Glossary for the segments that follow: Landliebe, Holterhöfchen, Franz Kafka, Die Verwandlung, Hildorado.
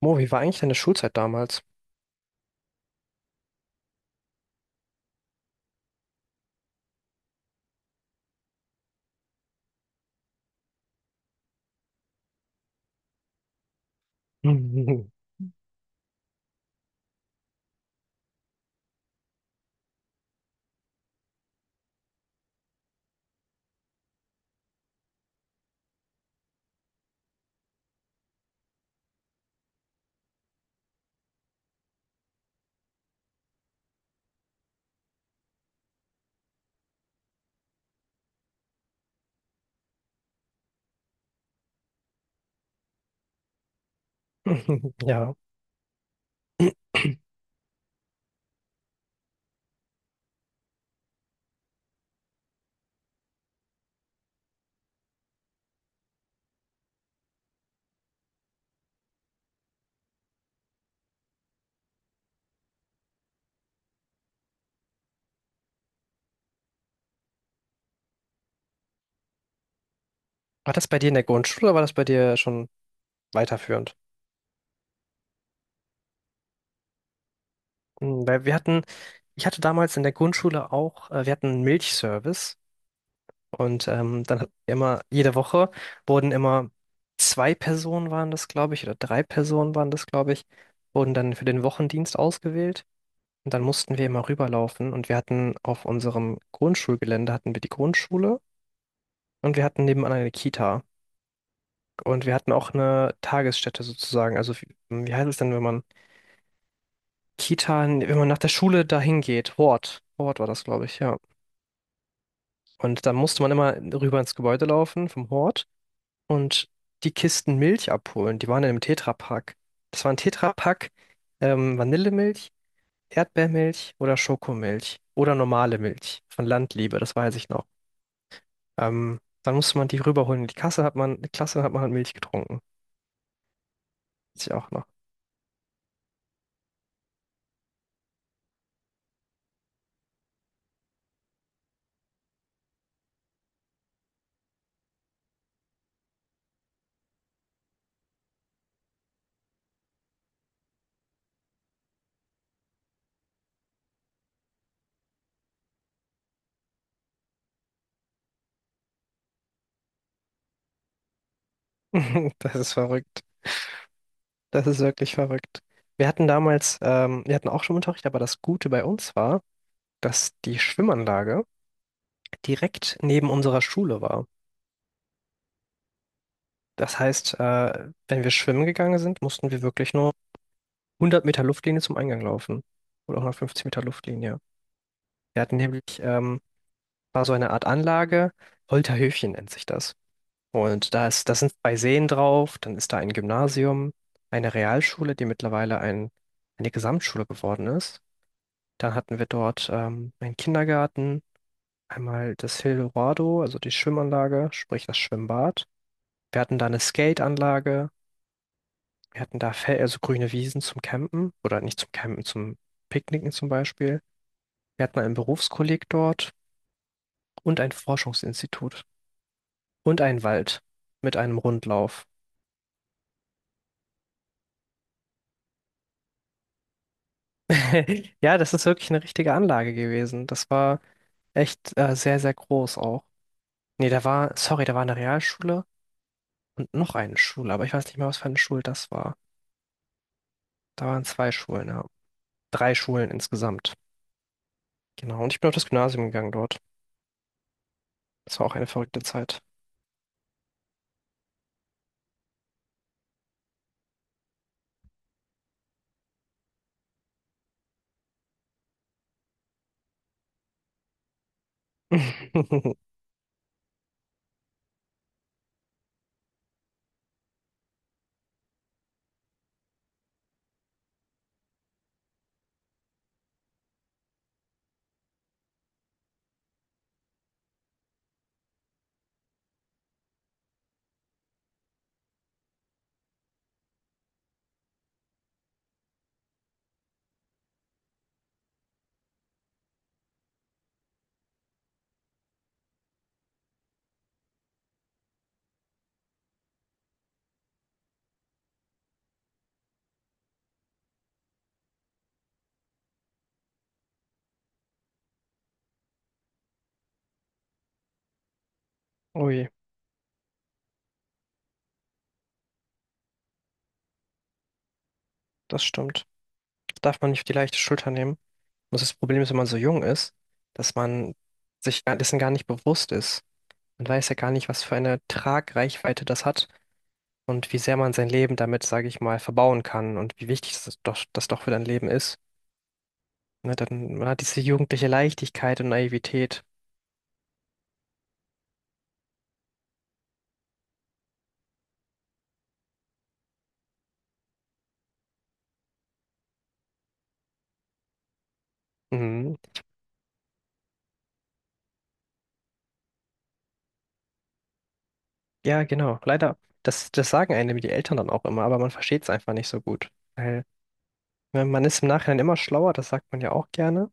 Mo, wie war eigentlich deine Schulzeit damals? Mhm. Ja. War das bei dir in der Grundschule oder war das bei dir schon weiterführend? Hm, weil wir hatten, ich hatte damals in der Grundschule auch, wir hatten einen Milchservice, und dann hatten wir immer, jede Woche wurden immer zwei Personen waren das, glaube ich, oder drei Personen waren das, glaube ich, wurden dann für den Wochendienst ausgewählt. Und dann mussten wir immer rüberlaufen, und wir hatten auf unserem Grundschulgelände hatten wir die Grundschule, und wir hatten nebenan eine Kita. Und wir hatten auch eine Tagesstätte sozusagen. Also wie, wie heißt es denn, wenn man Kita, wenn man nach der Schule dahin geht? Hort. Hort war das, glaube ich, ja. Und dann musste man immer rüber ins Gebäude laufen vom Hort und die Kisten Milch abholen. Die waren in einem Tetrapack. Das war ein Tetrapack, Vanillemilch, Erdbeermilch oder Schokomilch oder normale Milch von Landliebe, das weiß ich noch. Dann musste man die rüberholen. In die Kasse hat man, in die Klasse hat man halt Milch getrunken. Weiß ich auch noch. Das ist verrückt. Das ist wirklich verrückt. Wir hatten damals, wir hatten auch Schwimmunterricht, aber das Gute bei uns war, dass die Schwimmanlage direkt neben unserer Schule war. Das heißt, wenn wir schwimmen gegangen sind, mussten wir wirklich nur 100 Meter Luftlinie zum Eingang laufen. Oder 150 Meter Luftlinie. Wir hatten nämlich, war so eine Art Anlage, Holterhöfchen nennt sich das. Und da ist, da sind zwei Seen drauf, dann ist da ein Gymnasium, eine Realschule, die mittlerweile ein, eine Gesamtschule geworden ist. Dann hatten wir dort einen Kindergarten, einmal das Hildorado, also die Schwimmanlage, sprich das Schwimmbad. Wir hatten da eine Skateanlage, wir hatten da Fel also grüne Wiesen zum Campen oder nicht zum Campen, zum Picknicken zum Beispiel. Wir hatten einen Berufskolleg dort und ein Forschungsinstitut und einen Wald mit einem Rundlauf. Ja, das ist wirklich eine richtige Anlage gewesen. Das war echt sehr, sehr groß auch. Nee, da war, sorry, da war eine Realschule und noch eine Schule, aber ich weiß nicht mehr, was für eine Schule das war. Da waren zwei Schulen, ja. Drei Schulen insgesamt. Genau. Und ich bin auf das Gymnasium gegangen dort. Das war auch eine verrückte Zeit. Ui, das stimmt. Darf man nicht auf die leichte Schulter nehmen. Und das Problem ist, wenn man so jung ist, dass man dessen gar nicht bewusst ist. Man weiß ja gar nicht, was für eine Tragreichweite das hat und wie sehr man sein Leben damit, sage ich mal, verbauen kann und wie wichtig das doch für dein Leben ist. Ne, dann, man hat diese jugendliche Leichtigkeit und Naivität. Mhm. Ja, genau. Leider, das sagen einem die Eltern dann auch immer, aber man versteht es einfach nicht so gut. Weil wenn man ist im Nachhinein immer schlauer, das sagt man ja auch gerne,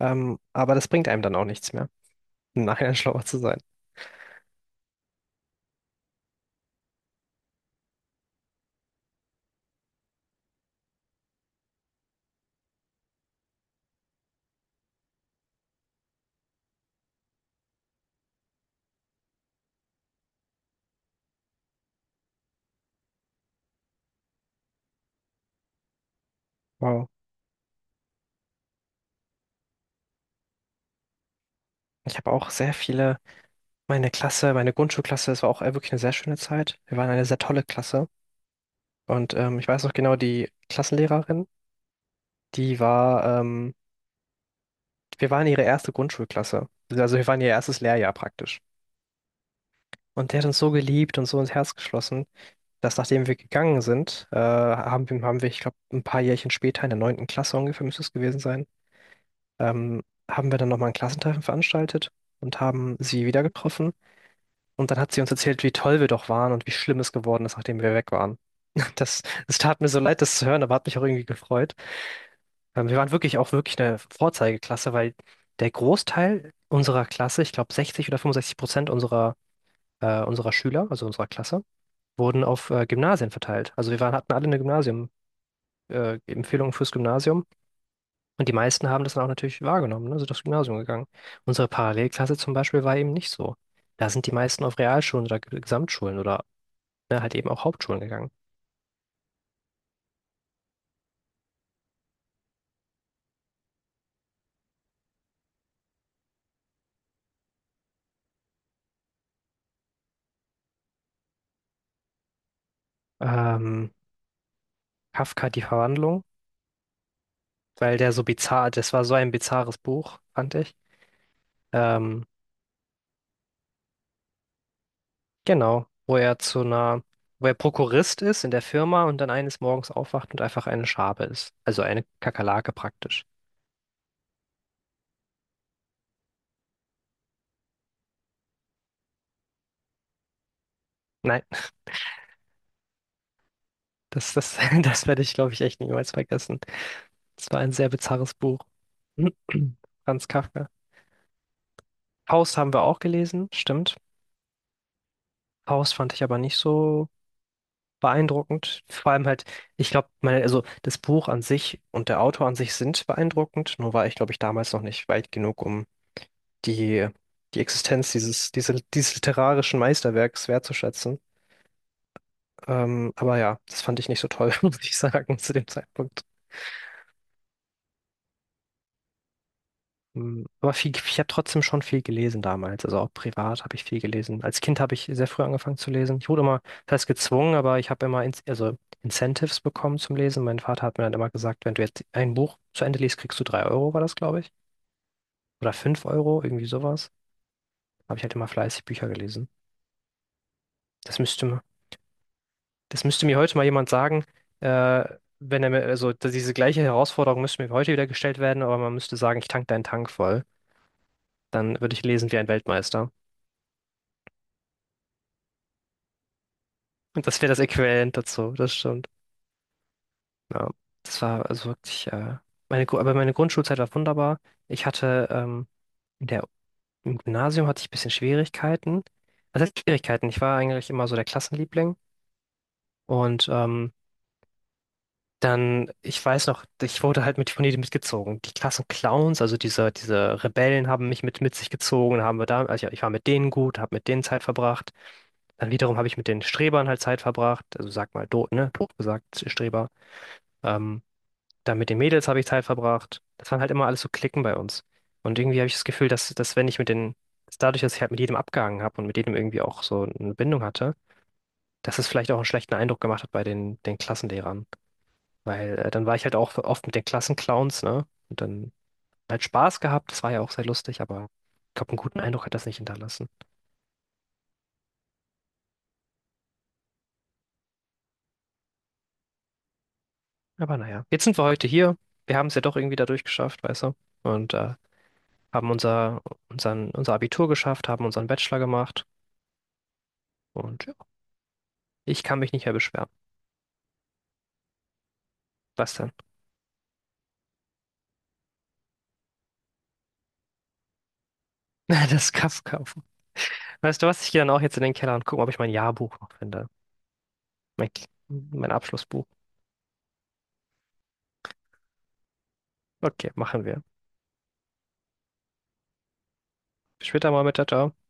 aber das bringt einem dann auch nichts mehr, im Nachhinein schlauer zu sein. Wow. Ich habe auch sehr viele, meine Klasse, meine Grundschulklasse, das war auch wirklich eine sehr schöne Zeit. Wir waren eine sehr tolle Klasse. Und ich weiß noch genau, die Klassenlehrerin, die war, wir waren ihre erste Grundschulklasse. Also wir waren ihr erstes Lehrjahr praktisch. Und der hat uns so geliebt und so ins Herz geschlossen, dass nachdem wir gegangen sind, haben wir, ich glaube, ein paar Jährchen später, in der neunten Klasse ungefähr müsste es gewesen sein, ähm, haben wir dann nochmal ein Klassentreffen veranstaltet und haben sie wieder getroffen. Und dann hat sie uns erzählt, wie toll wir doch waren und wie schlimm es geworden ist, nachdem wir weg waren. Das, das tat mir so leid, das zu hören, aber hat mich auch irgendwie gefreut. Wir waren wirklich auch wirklich eine Vorzeigeklasse, weil der Großteil unserer Klasse, ich glaube 60 oder 65% unserer Schüler, also unserer Klasse, wurden auf Gymnasien verteilt. Also wir waren, hatten alle eine Gymnasium, Empfehlungen fürs Gymnasium. Und die meisten haben das dann auch natürlich wahrgenommen, ne? Sind aufs Gymnasium gegangen. Unsere Parallelklasse zum Beispiel war eben nicht so. Da sind die meisten auf Realschulen oder Gesamtschulen oder ne, halt eben auch Hauptschulen gegangen. Ähm, Kafka, die Verwandlung, weil der so bizarr, das war so ein bizarres Buch, fand ich. Ähm, genau, wo er zu einer, wo er Prokurist ist in der Firma und dann eines Morgens aufwacht und einfach eine Schabe ist. Also eine Kakerlake praktisch. Nein, das, das, das werde ich, glaube ich, echt niemals vergessen. Es war ein sehr bizarres Buch. Franz Kafka. Faust haben wir auch gelesen, stimmt. Faust fand ich aber nicht so beeindruckend. Vor allem halt, ich glaube, meine, also das Buch an sich und der Autor an sich sind beeindruckend, nur war ich, glaube ich, damals noch nicht weit genug, um die, die Existenz dieses literarischen Meisterwerks wertzuschätzen. Aber ja, das fand ich nicht so toll, muss ich sagen, zu dem Zeitpunkt. Mm, aber viel, ich habe trotzdem schon viel gelesen damals. Also auch privat habe ich viel gelesen. Als Kind habe ich sehr früh angefangen zu lesen. Ich wurde immer, das heißt gezwungen, aber ich habe immer in, also Incentives bekommen zum Lesen. Mein Vater hat mir dann immer gesagt, wenn du jetzt ein Buch zu Ende liest, kriegst du drei Euro, war das, glaube ich. Oder fünf Euro, irgendwie sowas. Habe ich halt immer fleißig Bücher gelesen. Das müsste, mir- Das müsste mir heute mal jemand sagen, äh, wenn er mir, also dass diese gleiche Herausforderung müsste mir heute wieder gestellt werden, aber man müsste sagen, ich tank deinen Tank voll. Dann würde ich lesen wie ein Weltmeister. Und das wäre das Äquivalent dazu, das stimmt. Ja, das war also wirklich, aber meine Grundschulzeit war wunderbar. Ich hatte in der, im Gymnasium hatte ich ein bisschen Schwierigkeiten. Was heißt Schwierigkeiten? Ich war eigentlich immer so der Klassenliebling. Und dann, ich weiß noch, ich wurde halt mit von jedem mitgezogen. Die Klassenclowns, also diese Rebellen, haben mich mit sich gezogen, haben wir da, also ich war mit denen gut, habe mit denen Zeit verbracht. Dann wiederum habe ich mit den Strebern halt Zeit verbracht. Also sag mal, doof, ne? Doof gesagt, Streber. Ähm, Dann mit den Mädels habe ich Zeit verbracht. Das waren halt immer alles so Klicken bei uns. Und irgendwie habe ich das Gefühl, dass wenn ich mit den, dass dadurch, dass ich halt mit jedem abgehangen habe und mit jedem irgendwie auch so eine Bindung hatte, dass es vielleicht auch einen schlechten Eindruck gemacht hat bei den Klassenlehrern. Weil dann war ich halt auch oft mit den Klassenclowns, ne? Und dann halt Spaß gehabt, das war ja auch sehr lustig, aber ich glaube, einen guten Eindruck hat das nicht hinterlassen. Aber naja, jetzt sind wir heute hier. Wir haben es ja doch irgendwie dadurch geschafft, weißt du? Und haben unser Abitur geschafft, haben unseren Bachelor gemacht. Und ja. Ich kann mich nicht mehr beschweren. Was denn? Das Kaff kaufen. Weißt du was? Ich gehe dann auch jetzt in den Keller und gucke, ob ich mein Jahrbuch noch finde. Mein, mein Abschlussbuch. Okay, machen wir. Bis später mal mit, ciao. Ciao.